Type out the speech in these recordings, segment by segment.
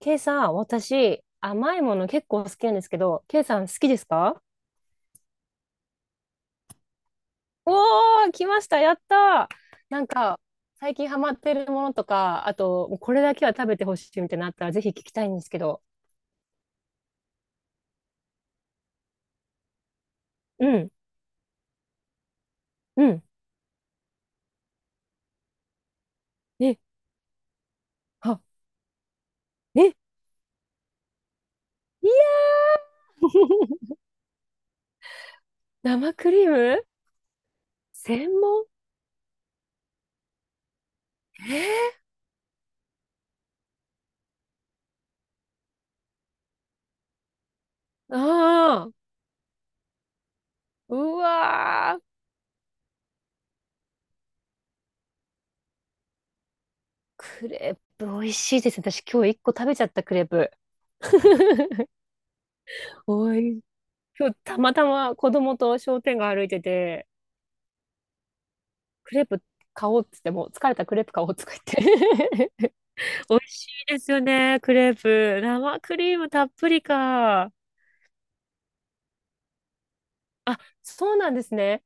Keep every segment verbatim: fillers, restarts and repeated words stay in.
ケイさん、私、甘いもの結構好きなんですけど、ケイさん好きですか？おー、来ました、やったー。なんか、最近ハマってるものとか、あと、もうこれだけは食べてほしいみたいなのあったら、ぜひ聞きたいんですけど。うん、うん。え、は、え、いやー 生クリーム専門。えー、あー。うわー、クレープ美味しいですね。私今日いっこ食べちゃったクレープ。おい。今日たまたま子供と商店街歩いてて、クレープ買おうっつって、もう疲れたクレープ買おうとか言って。美味しいですよね、クレープ。生クリームたっぷりか。あ、そうなんですね。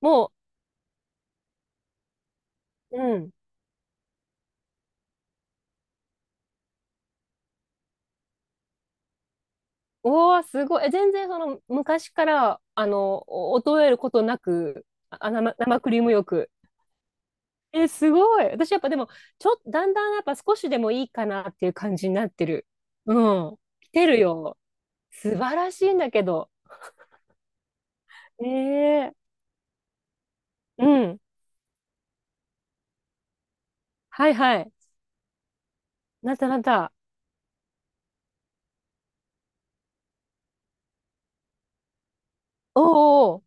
もう、うん。うわすごい。え全然その昔から、あの、お衰えることなく、あ、生、生クリームよく。え、すごい。私やっぱでも、ちょっと、だんだんやっぱ少しでもいいかなっていう感じになってる。うん。来てるよ。素晴らしいんだけど。ええ、うん。はいはい。なったなった。おうおうおう。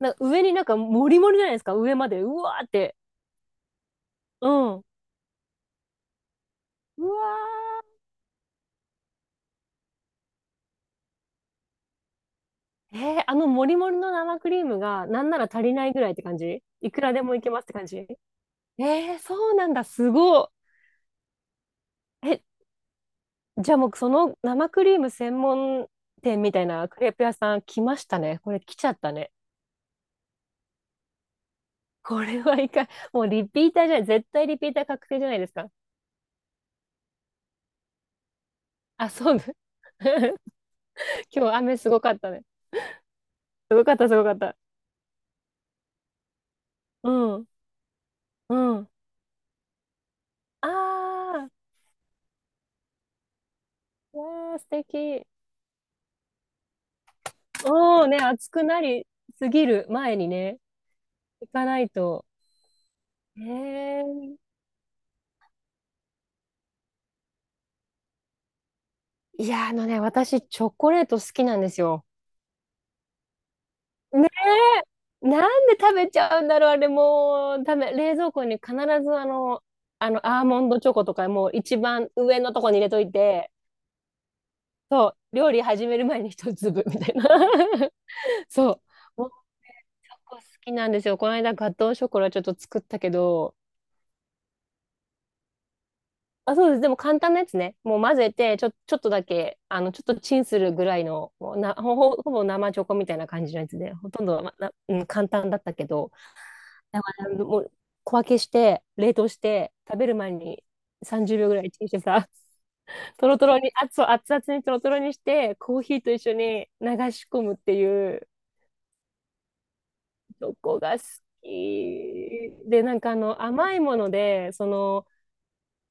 なんか上になんかモリモリじゃないですか、上まで。うわーって。うん。うわー。えー、あのモリモリの生クリームがなんなら足りないぐらいって感じ、いくらでもいけますって感じ。えー、そうなんだ。すごい。え、じゃあもうその生クリーム専門店みたいなクレープ屋さん来ましたね。これ来ちゃったね。これはいかん、もうリピーターじゃない。絶対リピーター確定じゃないですか。あ、そうだ。今日雨すごかったね。すごかった、すごかった。うん、うん。ああ、わあ、素敵。おおね、暑くなりすぎる前にね、行かないと。ええ、いや、あのね、私、チョコレート好きなんですよ。ねえ、なんで食べちゃうんだろう、あれ、もう、食べ、冷蔵庫に必ず、あの、あの、アーモンドチョコとか、もう一番上のとこに入れといて、そう、料理始める前にひとつぶみたいな。そう。タコ好きなんですよ。この間ガトーショコラちょっと作ったけど、あ、そうです。でも簡単なやつね。もう混ぜて、ちょ、ちょっとだけ、あの、ちょっとチンするぐらいの、もうな、ほぼ、ほぼ生チョコみたいな感じのやつで、ほとんど、ま、な、うん、簡単だったけど、だからもう小分けして、冷凍して、食べる前にさんじゅうびょうぐらいチンしてさ、とろとろに、熱々、熱々にとろとろにして、コーヒーと一緒に流し込むっていう、チョコが好き。で、なんかあの、甘いもので、その、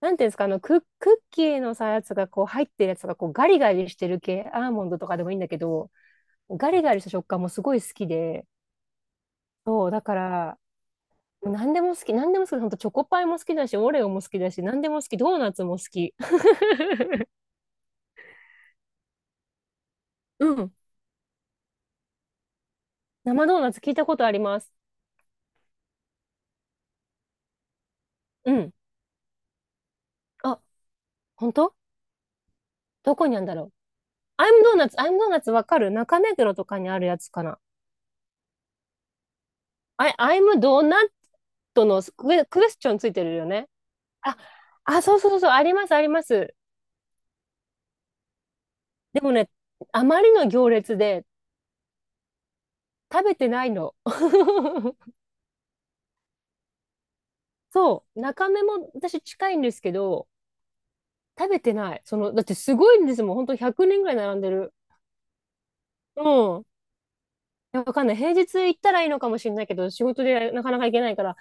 なんていうんですか、あの、ク、クッキーのさ、やつがこう入ってるやつがこうガリガリしてる系、アーモンドとかでもいいんだけど、ガリガリした食感もすごい好きで、そう、だから、何でも好き、何でも好き、ほんとチョコパイも好きだし、オレオも好きだし、何でも好き、ドーナツも好き。うん。生ドーナツ聞いたことあります。うん。あ、本当？どこにあるんだろう。アイムドーナツ、アイムドーナツわかる、中目黒とかにあるやつかな。あ、アイムドーナットのクエ、クエスチョンついてるよね。あ、あ、そうそうそうそう、あります、あります。でもね、あまりの行列で食べてないの。そう、中目も私近いんですけど、食べてない。その、だってすごいんですもん。本当ひゃくにんぐらい並んでる。うん。いや、わかんない。平日行ったらいいのかもしれないけど、仕事でなかなか行けないから、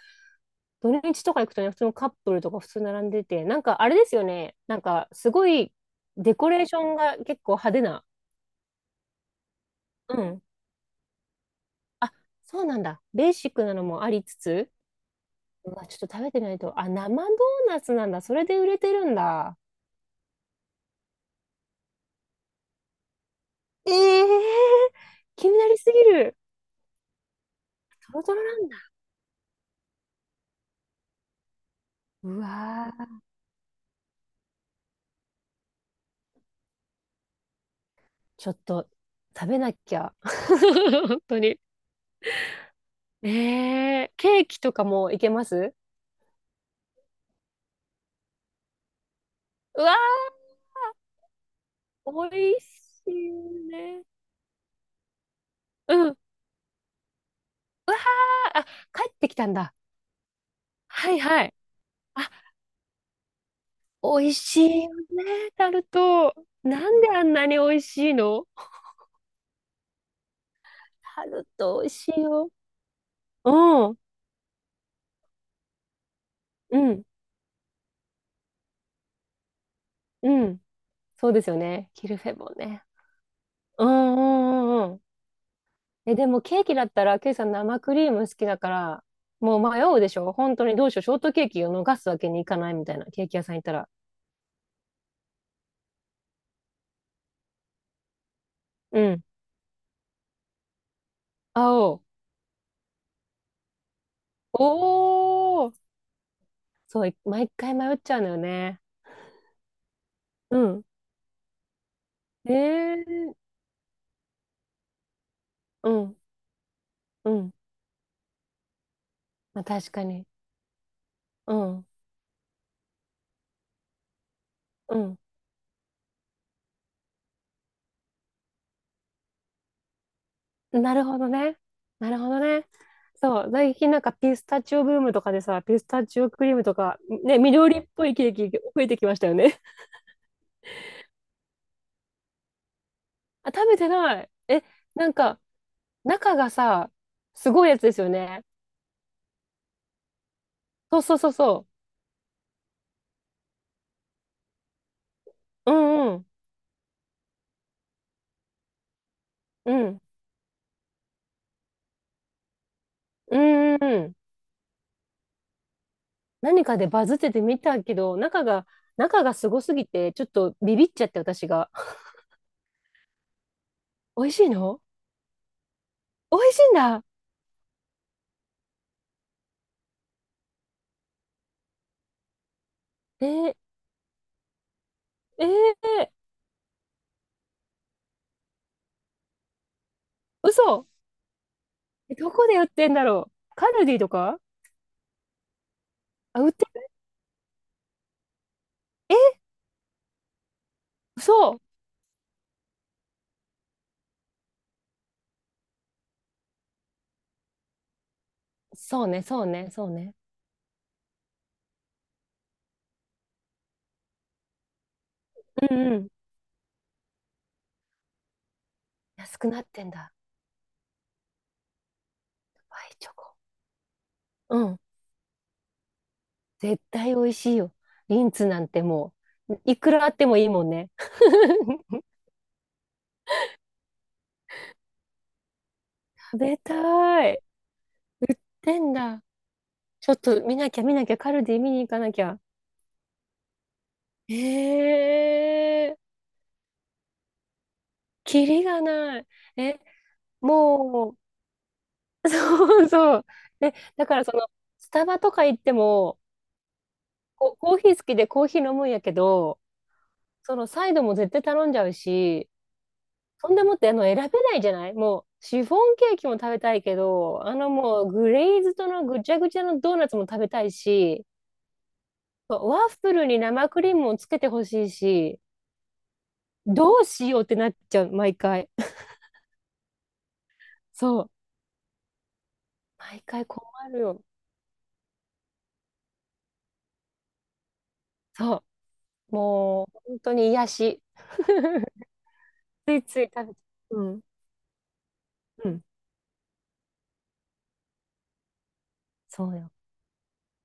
土日とか行くとね、普通のカップルとか普通並んでて、なんかあれですよね。なんかすごいデコレーションが結構派手な。うん。あ、そうなんだ。ベーシックなのもありつつ、うわ、ちょっと食べてみないと。あ、生ドーナツなんだ。それで売れてるんだ。ええー、気になりすぎる。トロトロなんだ。うわー、ちょっと食べなきゃ。本当に。ええー、ケーキとかもいけます？うわー、美味しいね。うん。うわー、あ、帰ってきたんだ。はいはい。あ、美味しいよね、タルト。なんであんなに美味しいの？タルト美味しいよ。うん、うん、うん。そうですよね。キルフェボンね。うんうんうんうん。え、でもケーキだったら、ケイさん生クリーム好きだから、もう迷うでしょ本当に。どうしよう。ショートケーキを逃すわけにいかないみたいな。ケーキ屋さん行ったら。うん。青。おお。そう、毎回迷っちゃうのよね。うん。えー、うん。うん。まあ確かに。うん。うん。なるほどね。なるほどね。そう、最近なんかピスタチオブームとかでさ、ピスタチオクリームとか、ね、緑っぽいケーキ増えてきましたよね。あ、食べてない。え、なんか、中がさ、すごいやつですよね。そうそうそうそう。うんうん。うん。うんうんうん。何かでバズってて見たけど、中が、中がすごすぎて、ちょっとビビっちゃって私が。美味しいの？美味しいんだ。えー、えー、嘘。え、どこで売ってんだろう。カルディとか？あ、売ってる。え、そう。そうね、そうね、そうね。うんうん。安くなってんだ。ワイチョコ。うん。絶対美味しいよ。リンツなんてもう、いくらあってもいいもんね。食べたい。てんだ。ちょっと見なきゃ見なきゃ、カルディ見に行かなきゃ。ええー、キリがない。え、もう、そうそう。で、だからその、スタバとか行っても、こコーヒー好きでコーヒー飲むんやけど、そのサイドも絶対頼んじゃうし、そんでもってあの選べないじゃない、もうシフォンケーキも食べたいけど、あのもうグレーズドのぐちゃぐちゃのドーナツも食べたいし、ワッフルに生クリームをつけてほしいし、どうしようってなっちゃう、毎回。そう。毎回困るよ。そう。もう本当に癒し。ついつい食べちゃう。うん。うん。そうよ。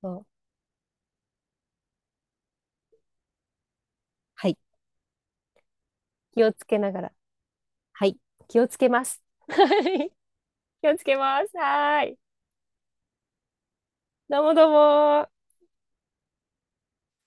そう。はい。気をつけながら。はい。気をつけます。はい、気をつけます。はーい。どうもどうも